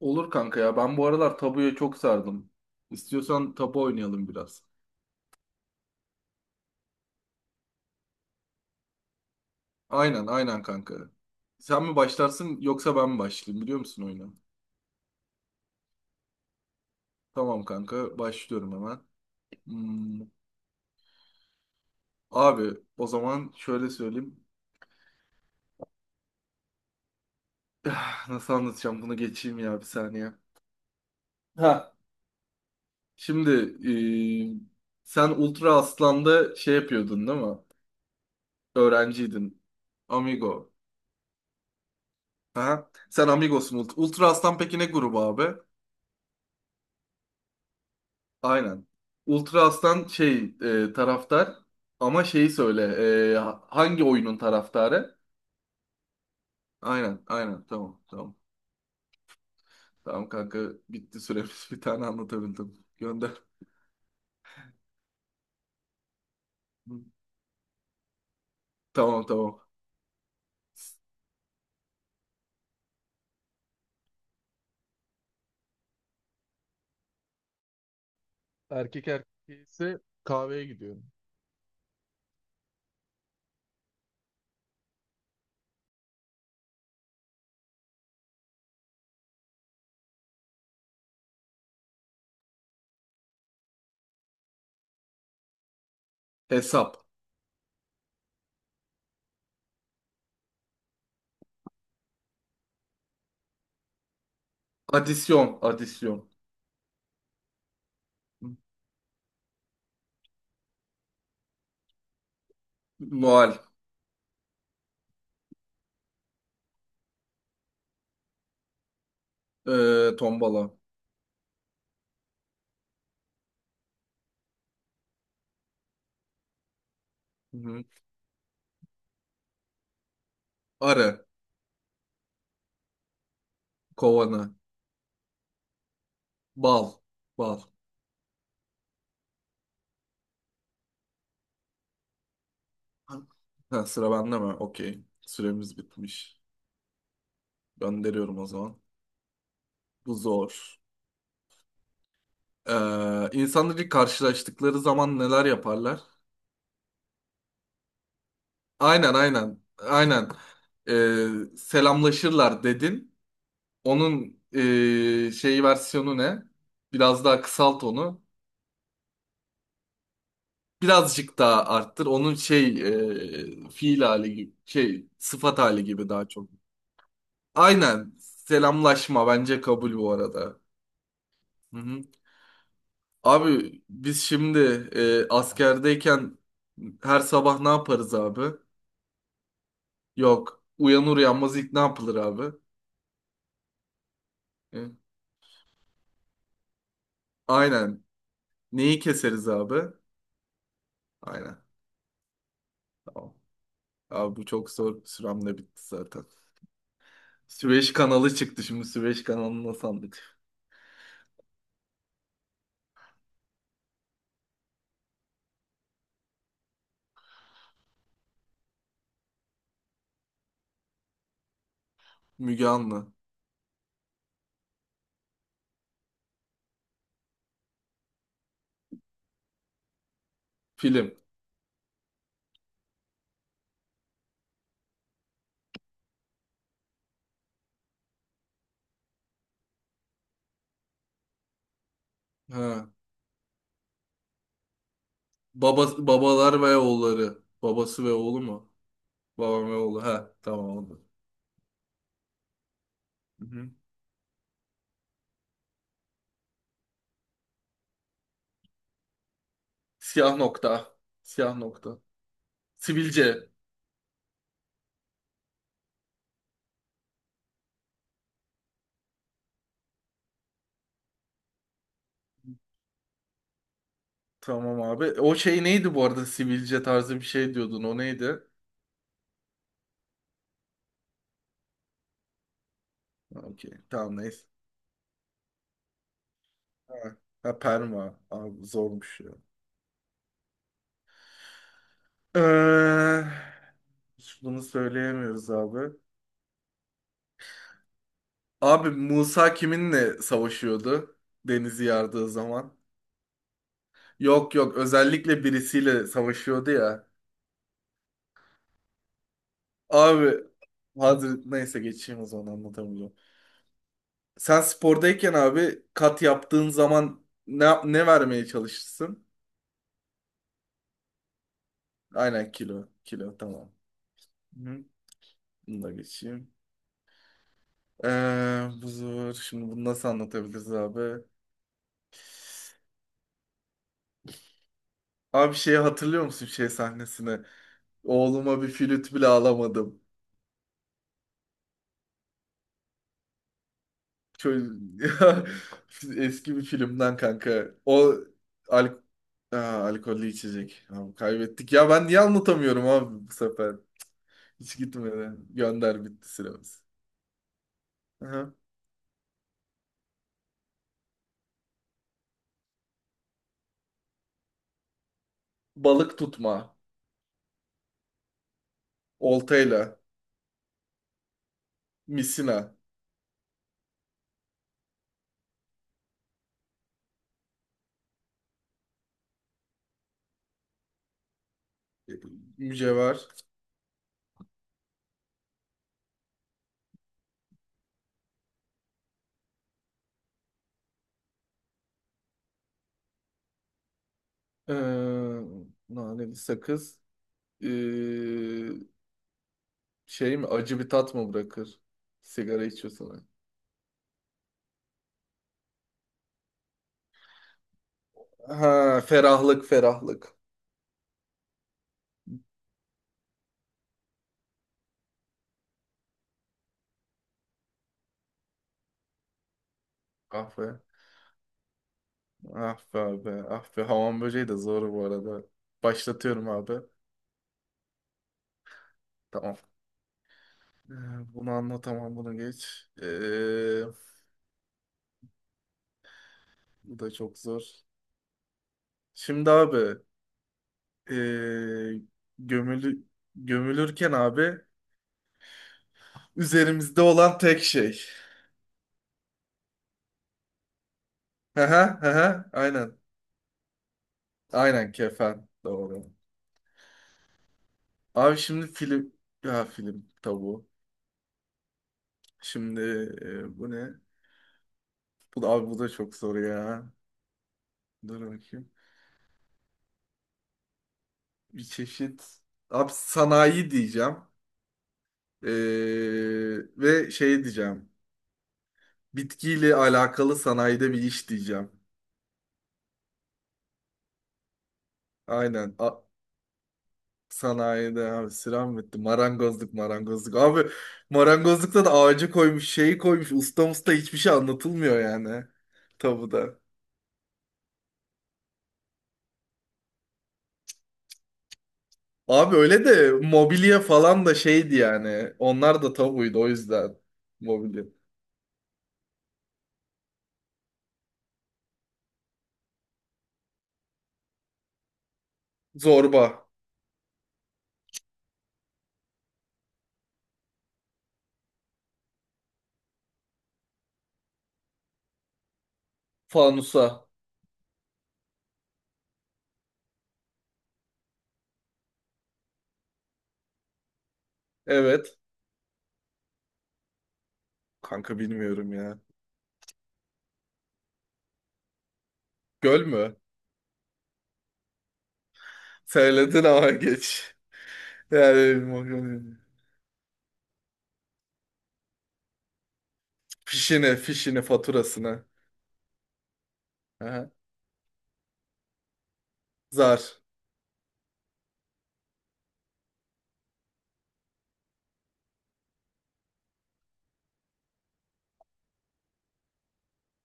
Olur kanka ya. Ben bu aralar tabuya çok sardım. İstiyorsan tabu oynayalım biraz. Aynen aynen kanka. Sen mi başlarsın yoksa ben mi başlayayım biliyor musun oyunu? Tamam kanka başlıyorum hemen. Hmm, abi o zaman şöyle söyleyeyim. Nasıl anlatacağım bunu geçeyim ya bir saniye. Ha. Şimdi sen Ultra Aslan'da şey yapıyordun değil mi? Öğrenciydin. Amigo. Aha. Sen Amigos'un Ultra Aslan peki ne grubu abi? Aynen. Ultra Aslan şey taraftar ama şeyi söyle hangi oyunun taraftarı? Aynen aynen tamam tamam. Tamam kanka bitti süremiz bir tane anlatabildim. Gönder. Tamam tamam. Erkek erkeği ise kahveye gidiyorum. Hesap. Adisyon adisyon. Noel. E, tombala. Hı-hı. Arı. Kovanı. Bal. Bal. Ha, sıra bende mi? Okey. Süremiz bitmiş. Gönderiyorum o zaman. Bu zor. İnsanlar ilk karşılaştıkları zaman neler yaparlar? Aynen aynen. Aynen. Selamlaşırlar dedin. Onun şey versiyonu ne? Biraz daha kısalt onu. Birazcık daha arttır. Onun şey fiil hali gibi, şey sıfat hali gibi daha çok. Aynen. Selamlaşma bence kabul bu arada. Hı hı. Abi biz şimdi askerdeyken her sabah ne yaparız abi? Yok. Uyanır uyanmaz ilk ne yapılır abi? Hı. Aynen. Neyi keseriz abi? Aynen. Tamam. Abi bu çok zor. Sürem de bitti zaten. Süveyş kanalı çıktı şimdi. Süveyş kanalına sandık. Müge Anlı. Film. Ha. Baba, babalar ve oğulları. Babası ve oğlu mu? Babam ve oğlu. Ha. Tamam oldu. Hı hı. Siyah nokta. Siyah nokta. Sivilce. Tamam abi. O şey neydi bu arada? Sivilce tarzı bir şey diyordun. O neydi? Okey. Tamam neyse. Ha, ha, perma. Abi zormuş ya. Ee, hiç bunu söyleyemiyoruz abi. Abi Musa kiminle savaşıyordu? Denizi yardığı zaman. Yok yok özellikle birisiyle savaşıyordu ya. Abi Hazret neyse geçeyim o zaman anlatamayacağım. Sen spordayken abi kat yaptığın zaman ne vermeye çalışırsın? Aynen kilo. Kilo tamam. Hı. Bunu da geçeyim. Bu zor. Şimdi bunu nasıl anlatabiliriz abi? Abi şeyi hatırlıyor musun şey sahnesini? Oğluma bir flüt bile alamadım. Çö- Eski bir filmden kanka. O al Aa, alkollü içecek. Abi kaybettik. Ya ben niye anlatamıyorum abi bu sefer? Hiç gitmedi. Gönder bitti süremiz. Aha. Balık tutma. Oltayla. Misina. e, Mücevher. Ee, naneli sakız. Ee, şey mi? Acı bir tat mı bırakır? Sigara içiyorsun. Ha, ferahlık ferahlık. Ah be. Ah be abi. Ah be. Hamam böceği de zor bu arada. Başlatıyorum abi. Tamam. Ee, bunu anlatamam bunu geç. Bu da çok zor. Şimdi abi ee, gömülü, gömülürken abi üzerimizde olan tek şey. Hı hı hı hı. Aynen. Aynen kefen. Doğru. Abi şimdi film. Ya film tabu. Şimdi bu ne? Bu da, abi bu da çok zor ya. Dur bakayım. Bir çeşit abi sanayi diyeceğim. Ee, ve şey diyeceğim. Bitkiyle alakalı sanayide bir iş diyeceğim. Aynen. Sanayide abi sıram bitti. Marangozluk marangozluk. Abi marangozlukta da ağacı koymuş şeyi koymuş. Usta usta hiçbir şey anlatılmıyor yani. Tabuda. Abi öyle de mobilya falan da şeydi yani. Onlar da tabuydu o yüzden. Mobilya. Zorba. Fanusa. Evet. Kanka bilmiyorum ya. Göl mü? Söyledin ama geç. Yani fişine, fişine, faturasına. Aha. Zar.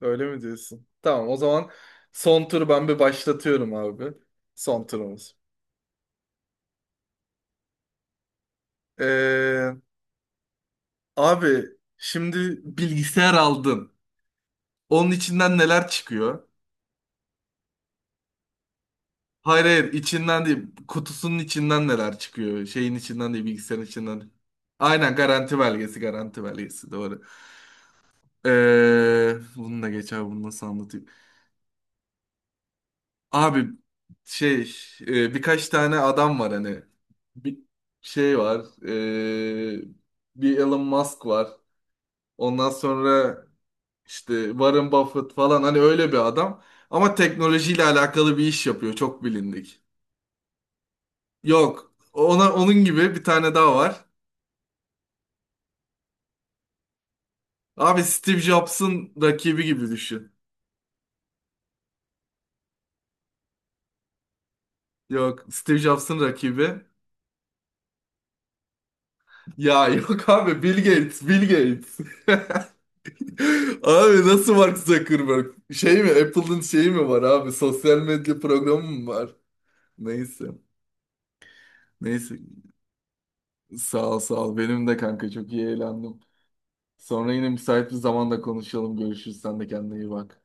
Öyle mi diyorsun? Tamam o zaman son turu ben bir başlatıyorum abi. Son turumuz. Ee, abi şimdi bilgisayar aldın. Onun içinden neler çıkıyor? Hayır hayır içinden değil. Kutusunun içinden neler çıkıyor? Şeyin içinden değil bilgisayarın içinden. Değil. Aynen garanti belgesi garanti belgesi doğru. Bunu da geç abi bunu nasıl anlatayım? Abi şey birkaç tane adam var hani bir şey var ee, bir Elon Musk var ondan sonra işte Warren Buffett falan hani öyle bir adam ama teknolojiyle alakalı bir iş yapıyor çok bilindik. Yok ona onun gibi bir tane daha var. Abi Steve Jobs'ın rakibi gibi düşün. Yok Steve Jobs'ın rakibi. Ya yok abi Bill Gates, Bill Gates. Abi nasıl Mark Zuckerberg? Şey mi? Apple'ın şeyi mi var abi? Sosyal medya programı mı var? Neyse. Neyse. Sağ ol sağ ol. Benim de kanka çok iyi eğlendim. Sonra yine müsait bir zamanda konuşalım. Görüşürüz. Sen de kendine iyi bak.